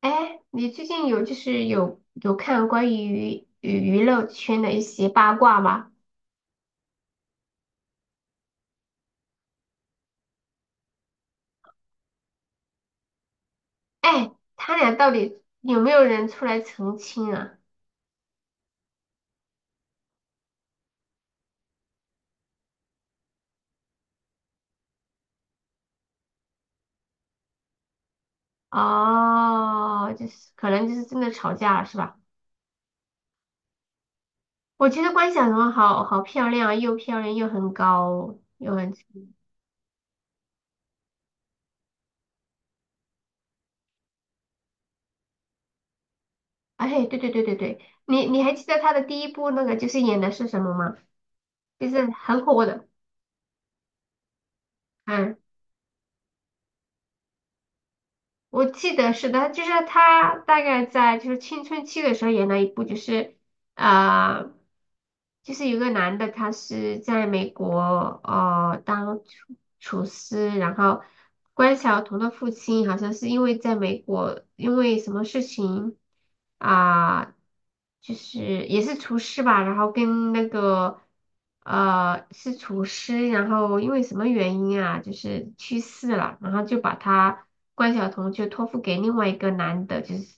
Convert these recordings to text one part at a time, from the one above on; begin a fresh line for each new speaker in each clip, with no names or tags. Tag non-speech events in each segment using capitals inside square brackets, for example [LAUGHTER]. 哎，你最近有就是看关于乐圈的一些八卦吗？哎，他俩到底有没有人出来澄清啊？哦，就是可能就是真的吵架了是吧？我觉得关晓彤好好漂亮啊，又漂亮又很高又很出名。哎，对对对对对，你还记得她的第一部那个就是演的是什么吗？就是很火的，嗯。我记得是的，就是他大概在就是青春期的时候演了一部，啊、呃就是有个男的，他是在美国当厨师，然后关晓彤的父亲好像是因为在美国因为什么事情啊、就是也是厨师吧，然后跟那个是厨师，然后因为什么原因啊，就是去世了，然后就把关晓彤就托付给另外一个男的，就是。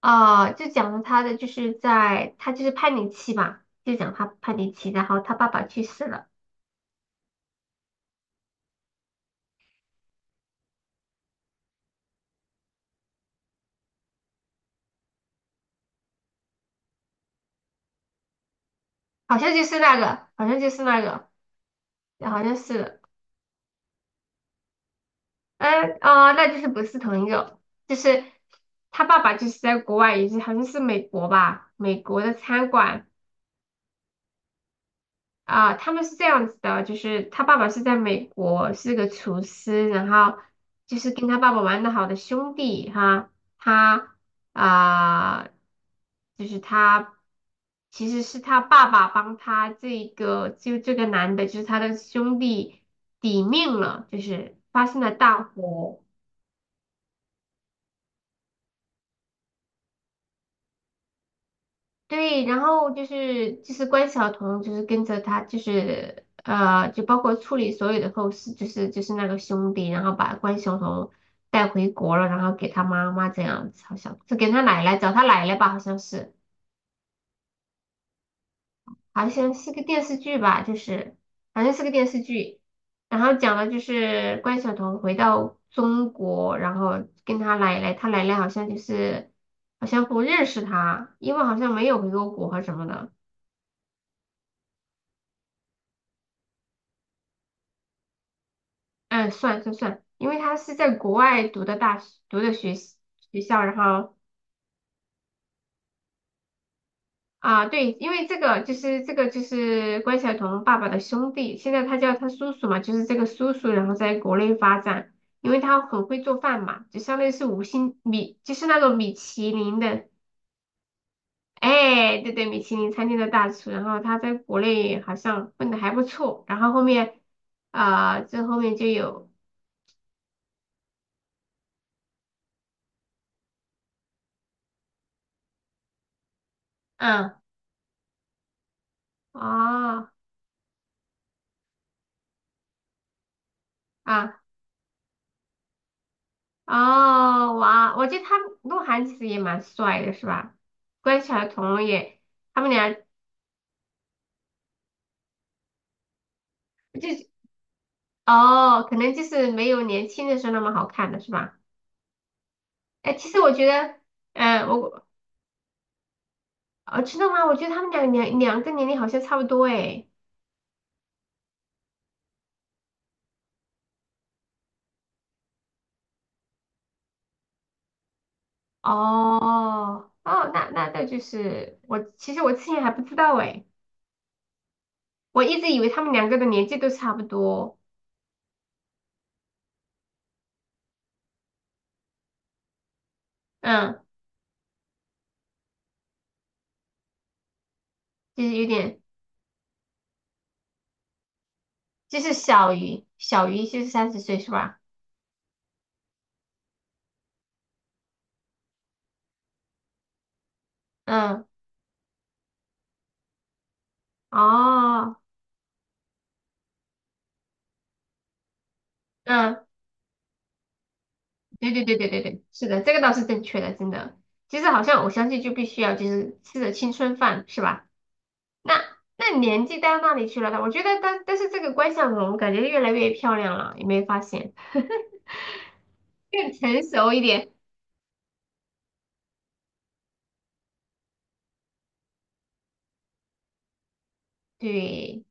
就讲了他的，就是在他就是叛逆期嘛，就讲他叛逆期，然后他爸爸去世了，好像就是那个,好像是，嗯,那就是不是同一个，就是他爸爸就是在国外，也是好像是美国吧，美国的餐馆。啊，他们是这样子的，就是他爸爸是在美国，是个厨师，然后就是跟他爸爸玩的好的兄弟哈，他啊，就是他其实是他爸爸帮他这个就这个男的，就是他的兄弟抵命了，就是发生了大火。对，然后就是关晓彤，就是跟着他，就是就包括处理所有的后事，就是那个兄弟，然后把关晓彤带回国了，然后给他妈妈这样子，好像是给他奶奶找他奶奶吧，好像是，好像是个电视剧吧。就是好像是个电视剧，然后讲的就是关晓彤回到中国，然后跟他奶奶，他奶奶好像就是好像不认识他，因为好像没有回过国和什么的。嗯，算算算，因为他是在国外读的大学，读的学习学校，然后啊，对，因为这个就是这个就是关晓彤爸爸的兄弟，现在他叫他叔叔嘛，就是这个叔叔，然后在国内发展，因为他很会做饭嘛，就相当于是五星米，就是那种米其林的，哎，对对，米其林餐厅的大厨，然后他在国内好像混的还不错，然后后面啊，这后面就有，嗯，哦，啊。哦，哇，我觉得鹿晗其实也蛮帅的，是吧？关晓彤也，他们俩就是哦，可能就是没有年轻的时候那么好看了，是吧？哎，其实我觉得，嗯，我知道吗？我觉得他们俩两个年龄好像差不多，哎，哦，哦，那那那就是我，其实我之前还不知道，哎，我一直以为他们两个的年纪都差不多，嗯，就是有点，就是小于就是30岁，是吧？嗯，哦。嗯，对对对对对对，是的，这个倒是正确的，真的。其实好像我相信就必须要就是吃着青春饭，是吧？那那年纪到那里去了呢？我觉得但是这个关晓彤感觉越来越漂亮了，有没有发现？[LAUGHS] 更成熟一点。对，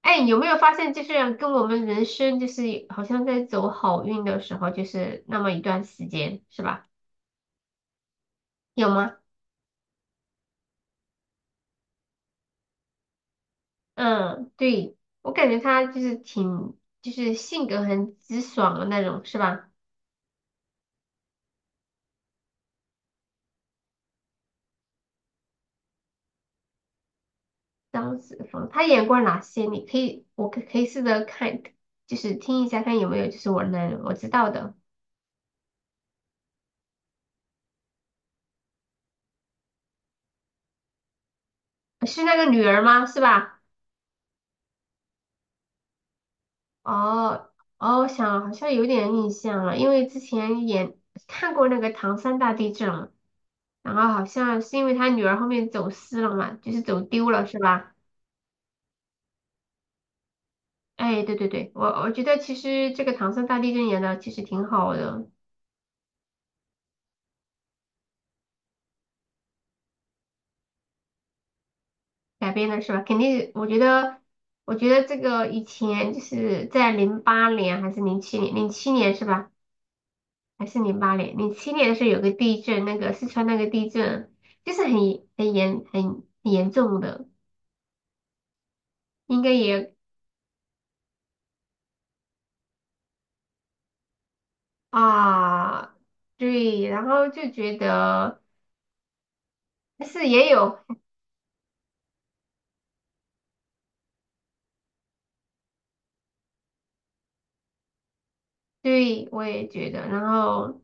哎，有没有发现就是跟我们人生就是好像在走好运的时候，就是那么一段时间，是吧？有吗？嗯，对，我感觉她就是挺就是性格很直爽的那种，是吧？张子枫，他演过哪些？你可以，我可以试着看，就是听一下，看有没有就是我能我知道的，是那个女儿吗？是吧？哦哦，我想好像有点印象了，因为之前看过那个唐山大地震嘛，然后好像是因为他女儿后面走失了嘛，就是走丢了，是吧？哎，对对对，我觉得其实这个唐山大地震演的其实挺好的，改变的是吧？肯定，我觉得,这个以前就是在零八年还是零七年，零七年是吧？还是零八年？零七年的时候有个地震，那个四川那个地震，就是很严重的，应该也啊，对，然后就觉得，但是也有，对，我也觉得，然后。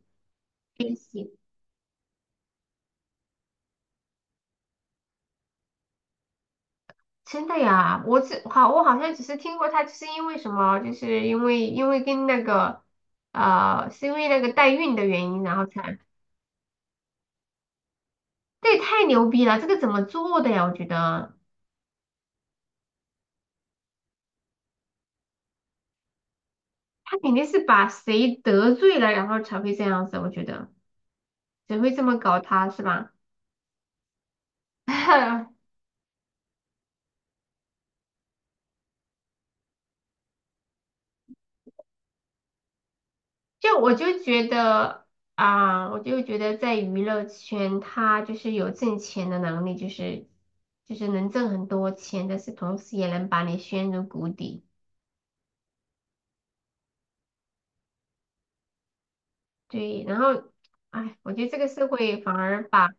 真的呀，我好像只是听过他，就是因为什么，就是因为跟那个是因为那个代孕的原因，然后才，这也太牛逼了，这个怎么做的呀？我觉得他肯定是把谁得罪了，然后才会这样子，我觉得谁会这么搞他是吧？[LAUGHS] 就我就觉得啊、我就觉得在娱乐圈，他就是有挣钱的能力，就是能挣很多钱，但是同时也能把你陷入谷底。对，然后，哎，我觉得这个社会反而把，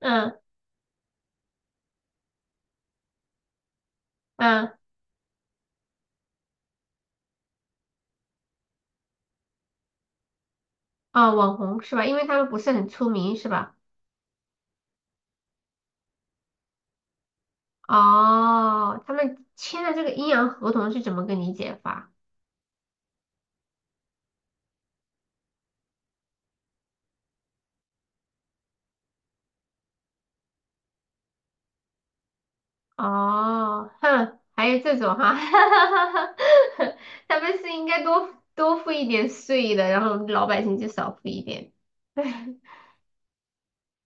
嗯嗯，哦，网红是吧？因为他们不是很出名是吧？哦，他们签的这个阴阳合同是怎么个理解法？哦，哼，还有这种哈，[LAUGHS] 他们是应该多多付一点税的，然后老百姓就少付一点。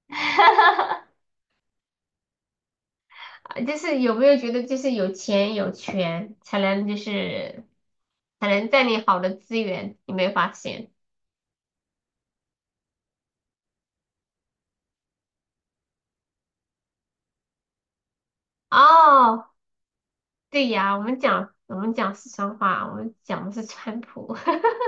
[LAUGHS] 就是有没有觉得就是有钱有权才能就是占领好的资源？有没有发现？哦，对呀，我们讲四川话，我们讲的是川普。[LAUGHS]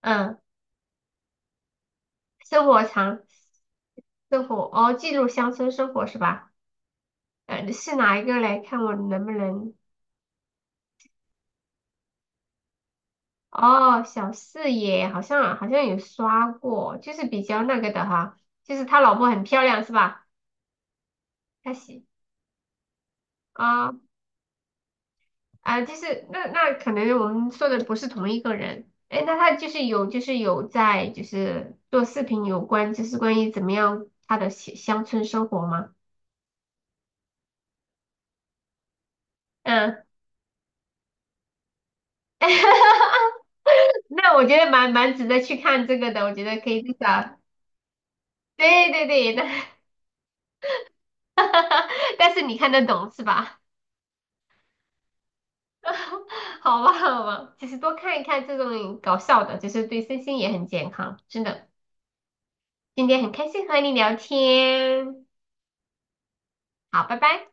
嗯，生活常生活哦，记录乡村生活是吧？是哪一个嘞？看我能不能？哦，小四野好像有刷过，就是比较那个的哈，就是他老婆很漂亮是吧？他喜啊。哦啊，就是那可能我们说的不是同一个人。哎，那他就是有就是有在就是做视频有关，就是关于怎么样他的乡村生活吗？嗯，[LAUGHS] 那我觉得蛮值得去看这个的，我觉得可以至少对对对，那 [LAUGHS] 但是你看得懂是吧？[LAUGHS] 好吧好吧，其实多看一看这种搞笑的，就是对身心也很健康，真的。今天很开心和你聊天，好，拜拜。